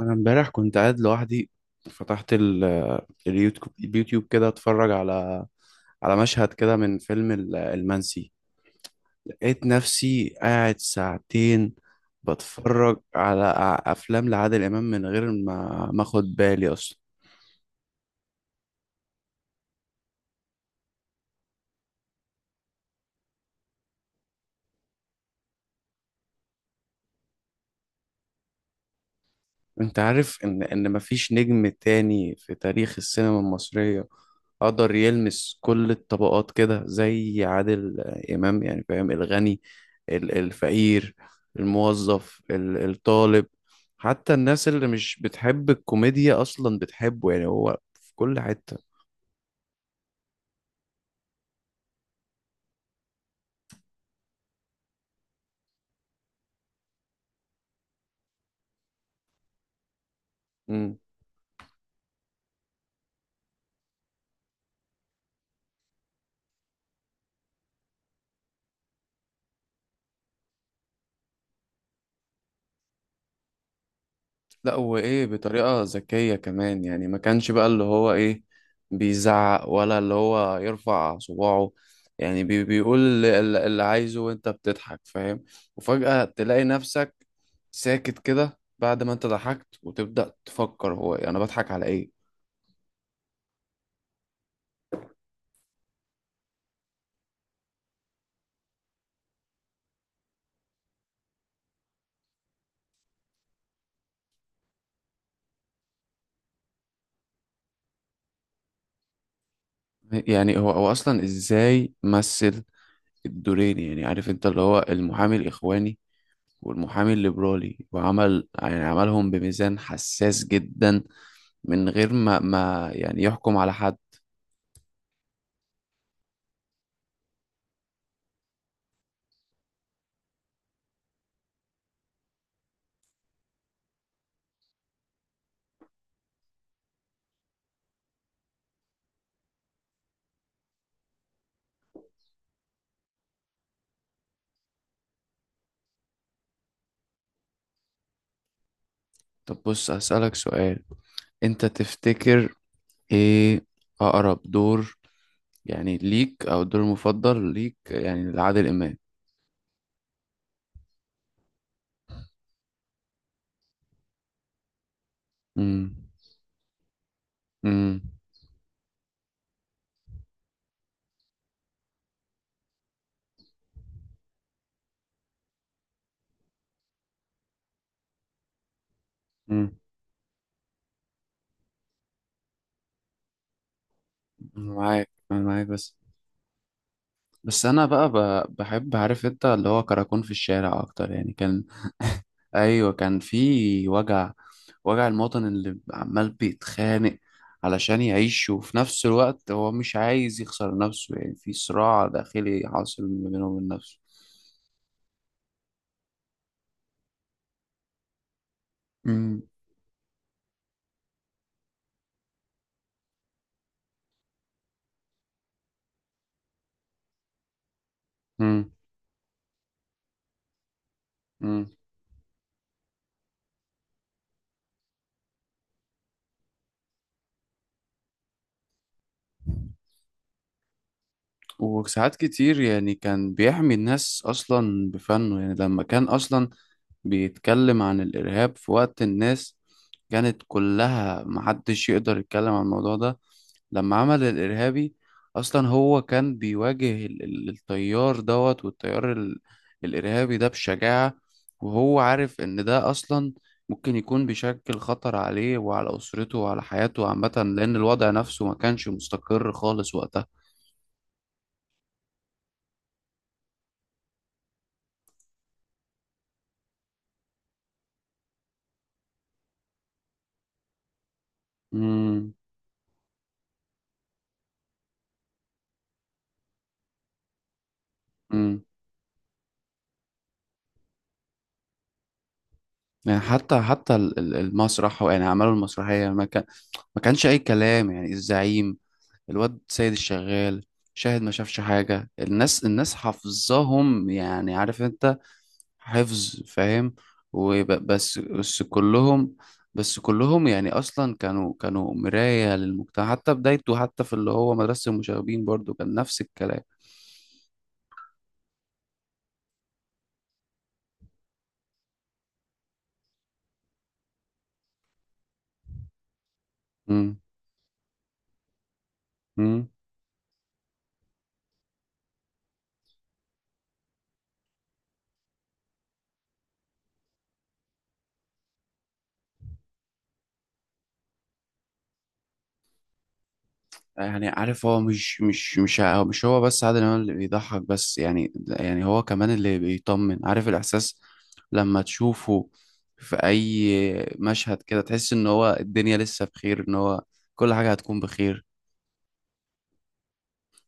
انا امبارح كنت قاعد لوحدي. فتحت اليوتيوب، كده اتفرج على مشهد كده من فيلم المنسي. لقيت نفسي قاعد ساعتين بتفرج على افلام لعادل امام من غير ما اخد بالي اصلا. انت عارف ان مفيش نجم تاني في تاريخ السينما المصرية قدر يلمس كل الطبقات كده زي عادل امام، يعني فاهم، الغني، الفقير، الموظف، الطالب. حتى الناس اللي مش بتحب الكوميديا اصلا بتحبه، يعني هو في كل حتة. لا هو ايه، بطريقة ذكية كمان، يعني ما كانش بقى اللي هو ايه بيزعق ولا اللي هو يرفع صباعه. يعني بيقول اللي عايزه وانت بتضحك، فاهم. وفجأة تلاقي نفسك ساكت كده بعد ما انت ضحكت وتبدأ تفكر هو انا يعني بضحك على ايه. يعني هو اصلا ازاي مثل الدورين، يعني عارف انت اللي هو المحامي الاخواني والمحامي الليبرالي، وعمل يعني عملهم بميزان حساس جدا من غير ما يعني يحكم على حد. طب بص أسألك سؤال، أنت تفتكر إيه أقرب دور يعني ليك أو الدور المفضل ليك يعني لعادل إمام؟ امم امم امم أنا معاك، أنا معاك، بس بس أنا بقى بحب، عارف أنت، اللي هو كراكون في الشارع أكتر، يعني كان. أيوه، كان في وجع، وجع المواطن اللي عمال بيتخانق علشان يعيش، وفي نفس الوقت هو مش عايز يخسر نفسه، يعني في صراع داخلي حاصل ما بينه وبين نفسه. مم. مم. مم. وساعات كتير يعني كان بيحمي الناس أصلا بفنه. يعني لما كان أصلا بيتكلم عن الإرهاب في وقت الناس كانت كلها محدش يقدر يتكلم عن الموضوع ده. لما عمل الإرهابي، أصلا هو كان بيواجه التيار دوت والتيار الإرهابي ده بشجاعة، وهو عارف إن ده أصلا ممكن يكون بيشكل خطر عليه وعلى أسرته وعلى حياته عامة، لأن الوضع نفسه ما كانش مستقر خالص وقتها. امم امم يعني حتى المسرح، يعني عملوا المسرحية، ما كان، ما كانش أي كلام، يعني الزعيم، الواد سيد الشغال، شاهد ما شافش حاجة، الناس حافظاهم يعني، عارف انت، حفظ، فاهم. وبس بس كلهم، يعني اصلا كانوا مراية للمجتمع حتى بدايته، حتى في اللي هو مدرسة المشاغبين برضو كان نفس الكلام. امم امم يعني عارف، هو مش مش مش هو- مش هو بس عادل امام اللي بيضحك بس؟ يعني يعني هو كمان اللي بيطمن، عارف الاحساس لما تشوفه في اي مشهد كده، تحس ان هو الدنيا لسه بخير، ان هو كل حاجة هتكون بخير.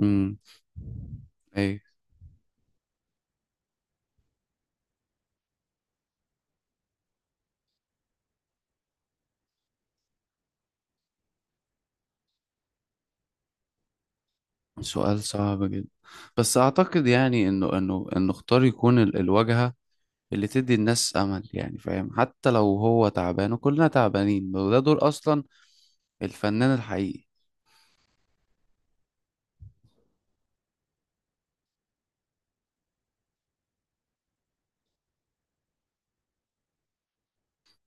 امم. سؤال صعب جدا، بس اعتقد يعني انه اختار يكون الواجهة اللي تدي الناس امل، يعني فاهم، حتى لو هو تعبان وكلنا تعبانين، وده دور اصلا الفنان الحقيقي.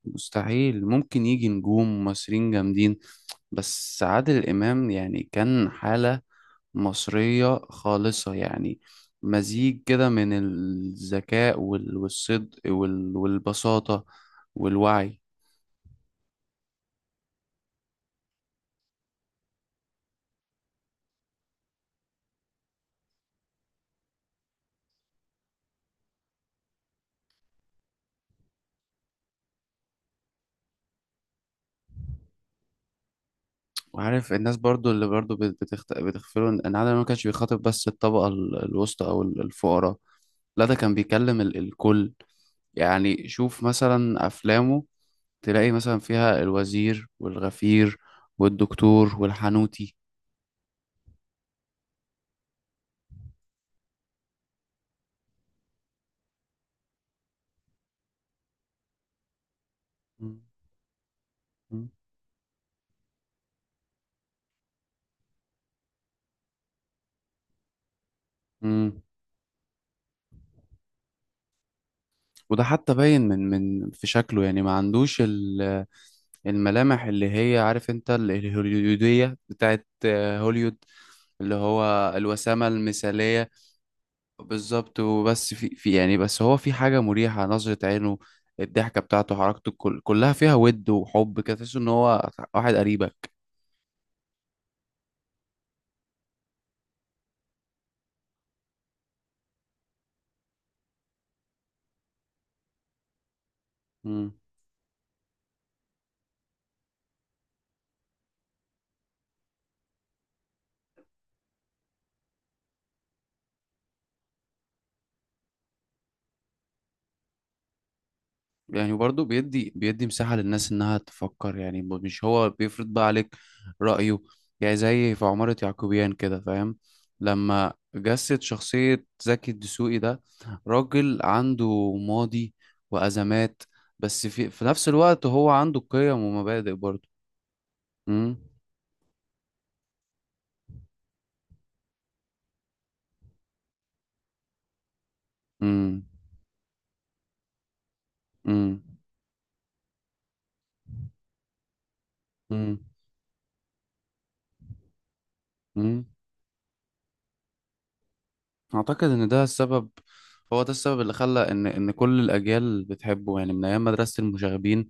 مستحيل، ممكن يجي نجوم مصريين جامدين، بس عادل امام يعني كان حالة مصرية خالصة، يعني مزيج كده من الذكاء والصدق والبساطة والوعي. وعارف الناس برضو اللي برضو بتغفله ان إن عادل إمام ما كانش بيخاطب بس الطبقة الوسطى او الفقراء، لا ده كان بيكلم الكل. يعني شوف مثلا افلامه، تلاقي مثلا فيها الوزير والغفير والدكتور والحانوتي. مم. مم. مم. وده حتى باين من في شكله، يعني ما عندوش الملامح اللي هي عارف انت الهوليودية بتاعت آه، هوليود اللي هو الوسامة المثالية. بالظبط. وبس في في يعني، بس هو في حاجة مريحة، نظرة عينه، الضحكة بتاعته، حركته، كل كلها فيها ود وحب كده، تحس ان هو واحد قريبك. مم. يعني برضه بيدي مساحة للناس انها تفكر، يعني مش هو بيفرض بقى عليك رأيه. يعني زي في عمارة يعقوبيان كده، فاهم، لما جسد شخصية زكي الدسوقي ده، راجل عنده ماضي وأزمات، بس في في نفس الوقت هو عنده قيم ومبادئ برضه. مم. مم. امم امم امم اعتقد ان ده السبب، هو ده السبب اللي خلى ان كل الاجيال بتحبه. يعني من ايام مدرسة المشاغبين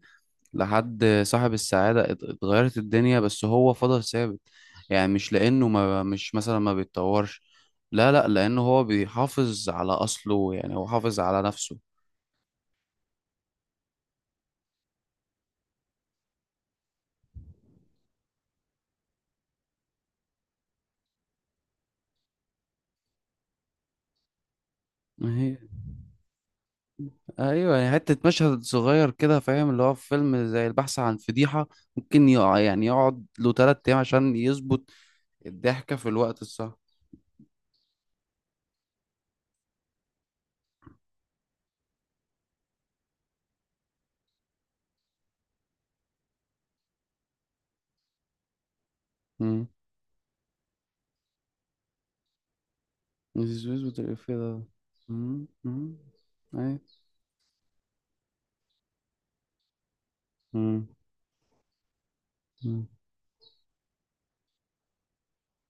لحد صاحب السعادة اتغيرت الدنيا، بس هو فضل ثابت. يعني مش لانه ما مش مثلا ما بيتطورش، لا لانه هو بيحافظ على اصله، يعني هو حافظ على نفسه. هي. ايوه، يعني حته مشهد صغير كده فاهم، اللي هو في فيلم زي البحث عن فضيحه، ممكن يقع يعني يقعد له 3 ايام عشان يظبط الضحكة في الوقت الصح. مم. مش بيظبط الإفيه ده. مم. مم. أي. مم. مم.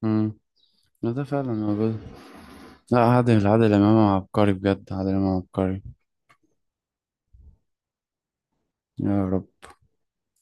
مم. لا ده فعلا موجود. لا، عادل، عادل إمام عبقري بجد، عادل إمام عبقري. يا رب.